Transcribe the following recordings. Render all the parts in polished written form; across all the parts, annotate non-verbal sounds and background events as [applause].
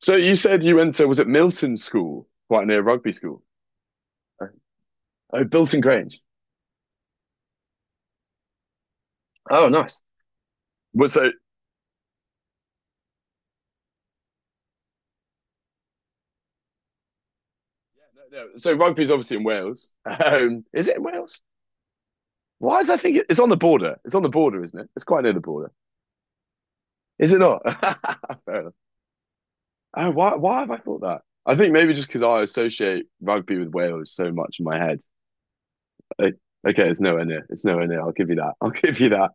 So you said you went to, was it Milton School, quite near Rugby School? Oh, Bilton Grange. Oh, nice. Well, so, yeah, no, no. So rugby's obviously in Wales. Is it in Wales? Why does I think it's on the border? It's on the border, isn't it? It's quite near the border. Is it not? [laughs] Fair enough. Oh, why have I thought that? I think maybe just because I associate rugby with Wales so much in my head. Like, okay, it's nowhere near. It's nowhere near. I'll give you that. I'll [laughs] give you that.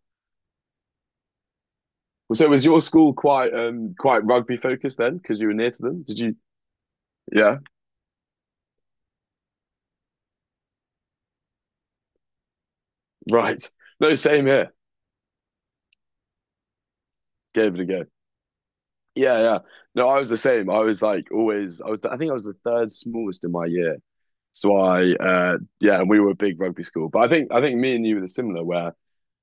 So was your school quite rugby focused then? Because you were near to them. Did you? Yeah. Right. [laughs] No, same here. Gave it a go. Yeah, yeah. No, I was the same. I was like always. I was. I think I was the third smallest in my year. So I, yeah, and we were a big rugby school. But I think me and you were similar, where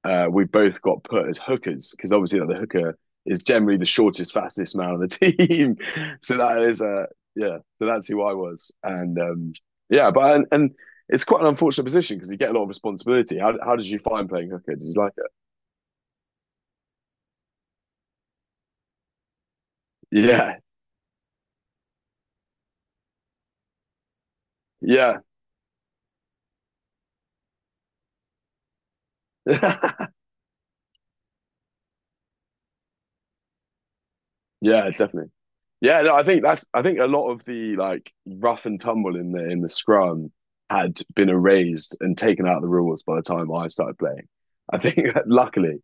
we both got put as hookers because obviously like, the hooker is generally the shortest, fastest man on the team. [laughs] So that is, yeah. So that's who I was, and yeah. But and it's quite an unfortunate position because you get a lot of responsibility. How did you find playing hooker? Did you like it? Yeah, yeah. [laughs] Yeah, definitely. Yeah, no, I think that's I think a lot of the like rough and tumble in the scrum had been erased and taken out of the rules by the time I started playing. I think [laughs] luckily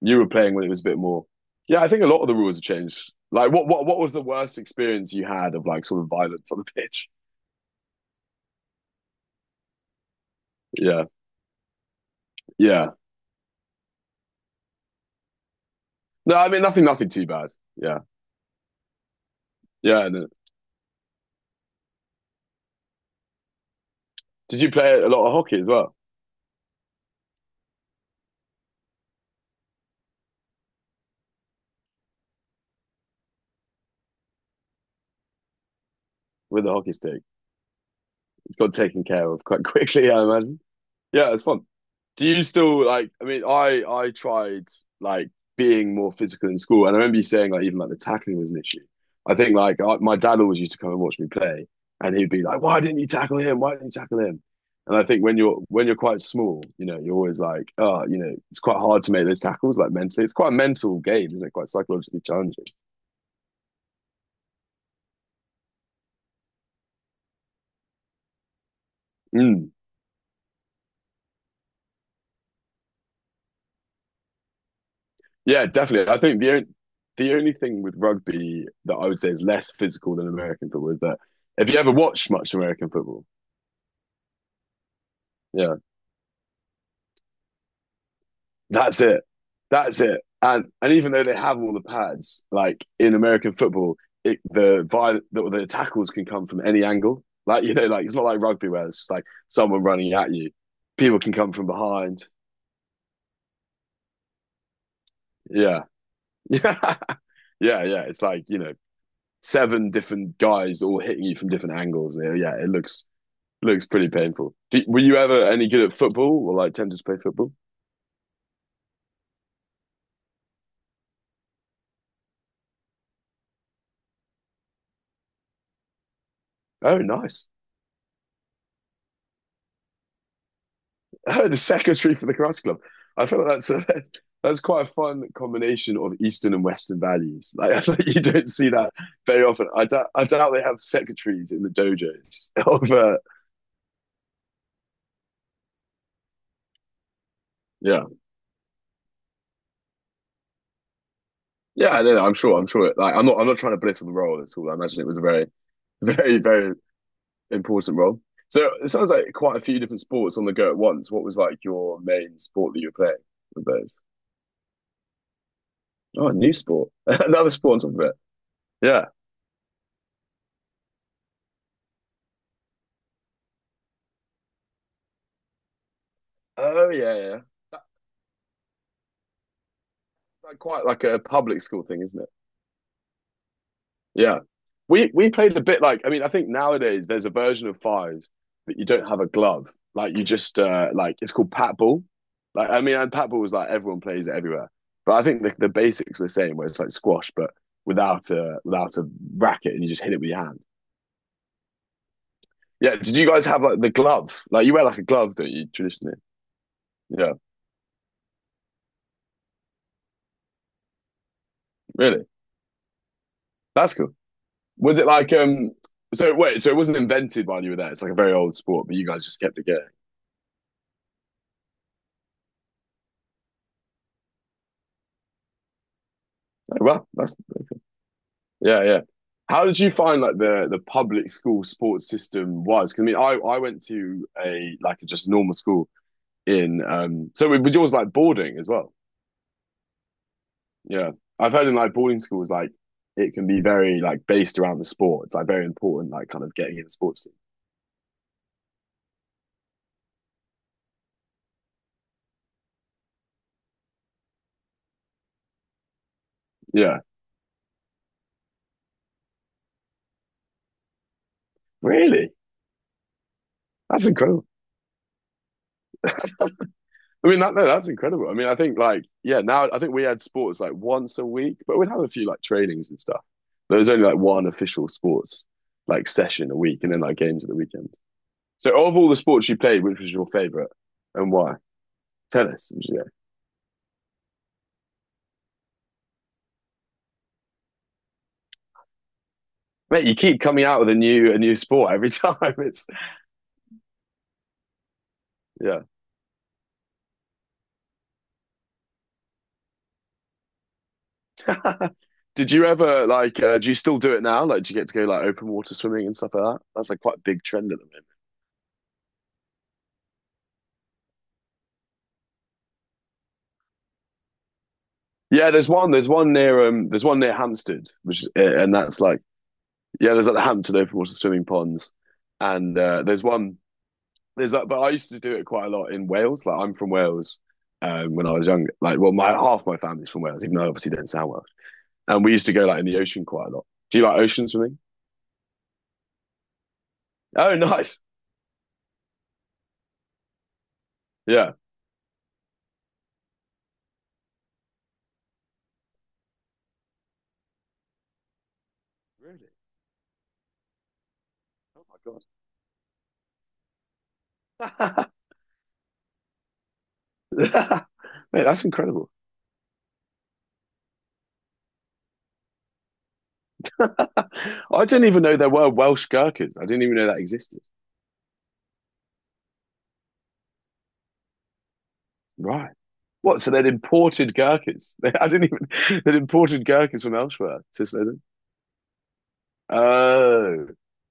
you were playing when it was a bit more. Yeah, I think a lot of the rules have changed. Like what was the worst experience you had of like sort of violence on the pitch? Yeah. Yeah. No, I mean nothing too bad. Yeah. Yeah. No. Did you play a lot of hockey as well with the hockey stick? It's got taken care of quite [laughs] quickly, I imagine. Yeah, it's fun. Do you still like? I mean, I tried like being more physical in school, and I remember you saying like even like the tackling was an issue. I think like my dad always used to come and watch me play, and he'd be like, "Why didn't you tackle him? Why didn't you tackle him?" And I think when you're quite small, you know, you're always like, "Oh, you know, it's quite hard to make those tackles." Like mentally, it's quite a mental game, isn't it? Quite psychologically challenging. Mm. Yeah, definitely. I think the only thing with rugby that I would say is less physical than American football is that if you ever watched much American football, yeah, that's it. That's it. And even though they have all the pads, like in American football, it, the viol the tackles can come from any angle. Like [laughs] you know, like it's not like rugby where it's just like someone running at you. People can come from behind. Yeah, [laughs] yeah, yeah, yeah. It's like you know, seven different guys all hitting you from different angles. Yeah, yeah, it looks Looks pretty painful. Were you ever any good at football or like tempted to play football? Oh, nice. [laughs] Oh, the secretary for the karate club. I feel like [laughs] that's quite a fun combination of Eastern and Western values. [laughs] Like I feel like you don't see that very often. I doubt they have secretaries in the dojos [laughs] of yeah yeah. I don't know. I'm sure. I'm sure. Like I'm not trying to belittle the role at all. I imagine it was a very [laughs] very very important role. So it sounds like quite a few different sports on the go at once. What was like your main sport that you were playing? Oh, a new sport. [laughs] Another sport on top of it. Yeah. Oh yeah, yeah. That, that quite like a public school thing, isn't it? Yeah. We played a bit like I mean, I think nowadays there's a version of fives that you don't have a glove. Like you just like it's called pat ball. Like I mean and pat ball is like everyone plays it everywhere. But I think the basics are the same where it's like squash but without a racket and you just hit it with your hand. Yeah. Did you guys have like the glove? Like you wear like a glove, don't you, traditionally? Yeah, really. That's cool. Was it like? So wait, so it wasn't invented while you were there. It's like a very old sport, but you guys just kept it going. Like, well, that's yeah, yeah. How did you find like the public school sports system was? Because I mean, I went to a like just normal school in. So it was yours like boarding as well. Yeah, I've heard in like boarding schools like it can be very like based around the sport. It's like very important, like kind of getting in the sports. Team. Yeah, really, that's incredible. I mean that no, that's incredible. I mean, I think like yeah, now I think we had sports like once a week, but we'd have a few like trainings and stuff. There was only like one official sports like session a week, and then like games at the weekend. So of all the sports you played, which was your favorite and why? Tennis. Yeah. Mate, you keep coming out with a new sport every [laughs] time. It's yeah. [laughs] Did you ever like do you still do it now? Like do you get to go like open water swimming and stuff like that? That's like quite a big trend at the moment. Yeah, there's one near Hampstead, which is, and that's like Yeah, there's like the Hampton open water swimming ponds, and there's that. But I used to do it quite a lot in Wales. Like I'm from Wales when I was young. Like well, my half my family's from Wales, even though I obviously don't sound Welsh. And we used to go like in the ocean quite a lot. Do you like ocean swimming? Oh, [laughs] nice. Yeah. Really? Oh my god. [laughs] Mate, that's incredible. [laughs] I didn't even know there were Welsh gherkins. I didn't even know that existed. Right. What? So they'd imported gherkins. [laughs] I didn't even. They'd imported gherkins from elsewhere. So Oh,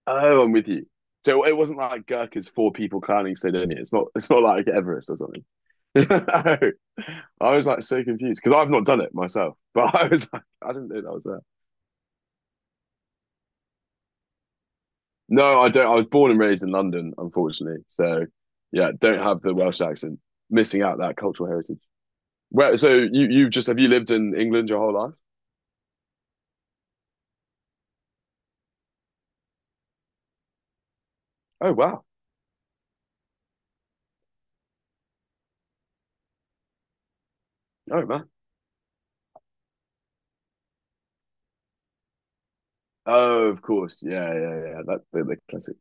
oh, I'm with you. So it wasn't like Gurkha's four people climbing Snowdonia. It's not. It's not like Everest or something. [laughs] I was like so confused because I've not done it myself, [laughs] but I was like, I didn't know that was there. No, I don't. I was born and raised in London, unfortunately. So yeah, don't have the Welsh accent. Missing out that cultural heritage. Where so you just have you lived in England your whole life? Oh wow. Oh man. Oh, of course. Yeah, yeah, yeah. That's the classic.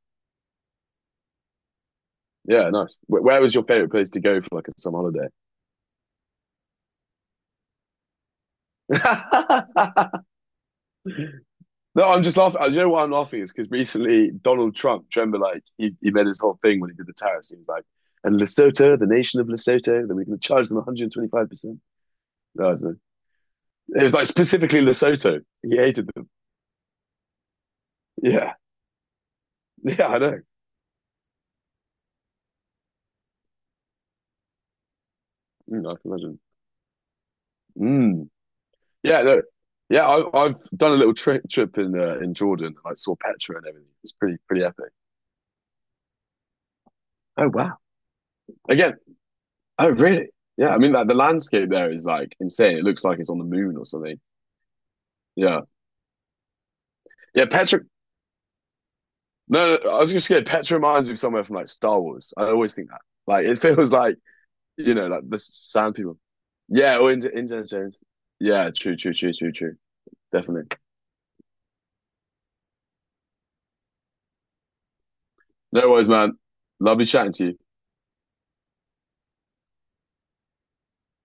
Yeah, nice. Where was your favorite place to go for like a summer holiday? [laughs] No, I'm just laughing. You know why I'm laughing is because recently Donald Trump, do you remember, like he made his whole thing when he did the tariffs. He was like, and Lesotho, the nation of Lesotho, then we're going to charge them 125%. No, it was like specifically Lesotho. He hated them. Yeah. [laughs] Yeah, I know. Mm, I can imagine. Mm. Yeah, no. Yeah, I've done a little trip in Jordan. And I saw Petra and everything. It's pretty pretty epic. Oh wow! Again, oh really? Yeah, I mean like the landscape there is like insane. It looks like it's on the moon or something. Yeah. Yeah, Patrick. No, no, I was just scared. Patrick reminds me of somewhere from like Star Wars. I always think that. Like it feels like, you know, like the sound people. Yeah, or into Indiana Jones. Yeah, true, true, true, true, true. Definitely. No worries, man. Lovely chatting to you.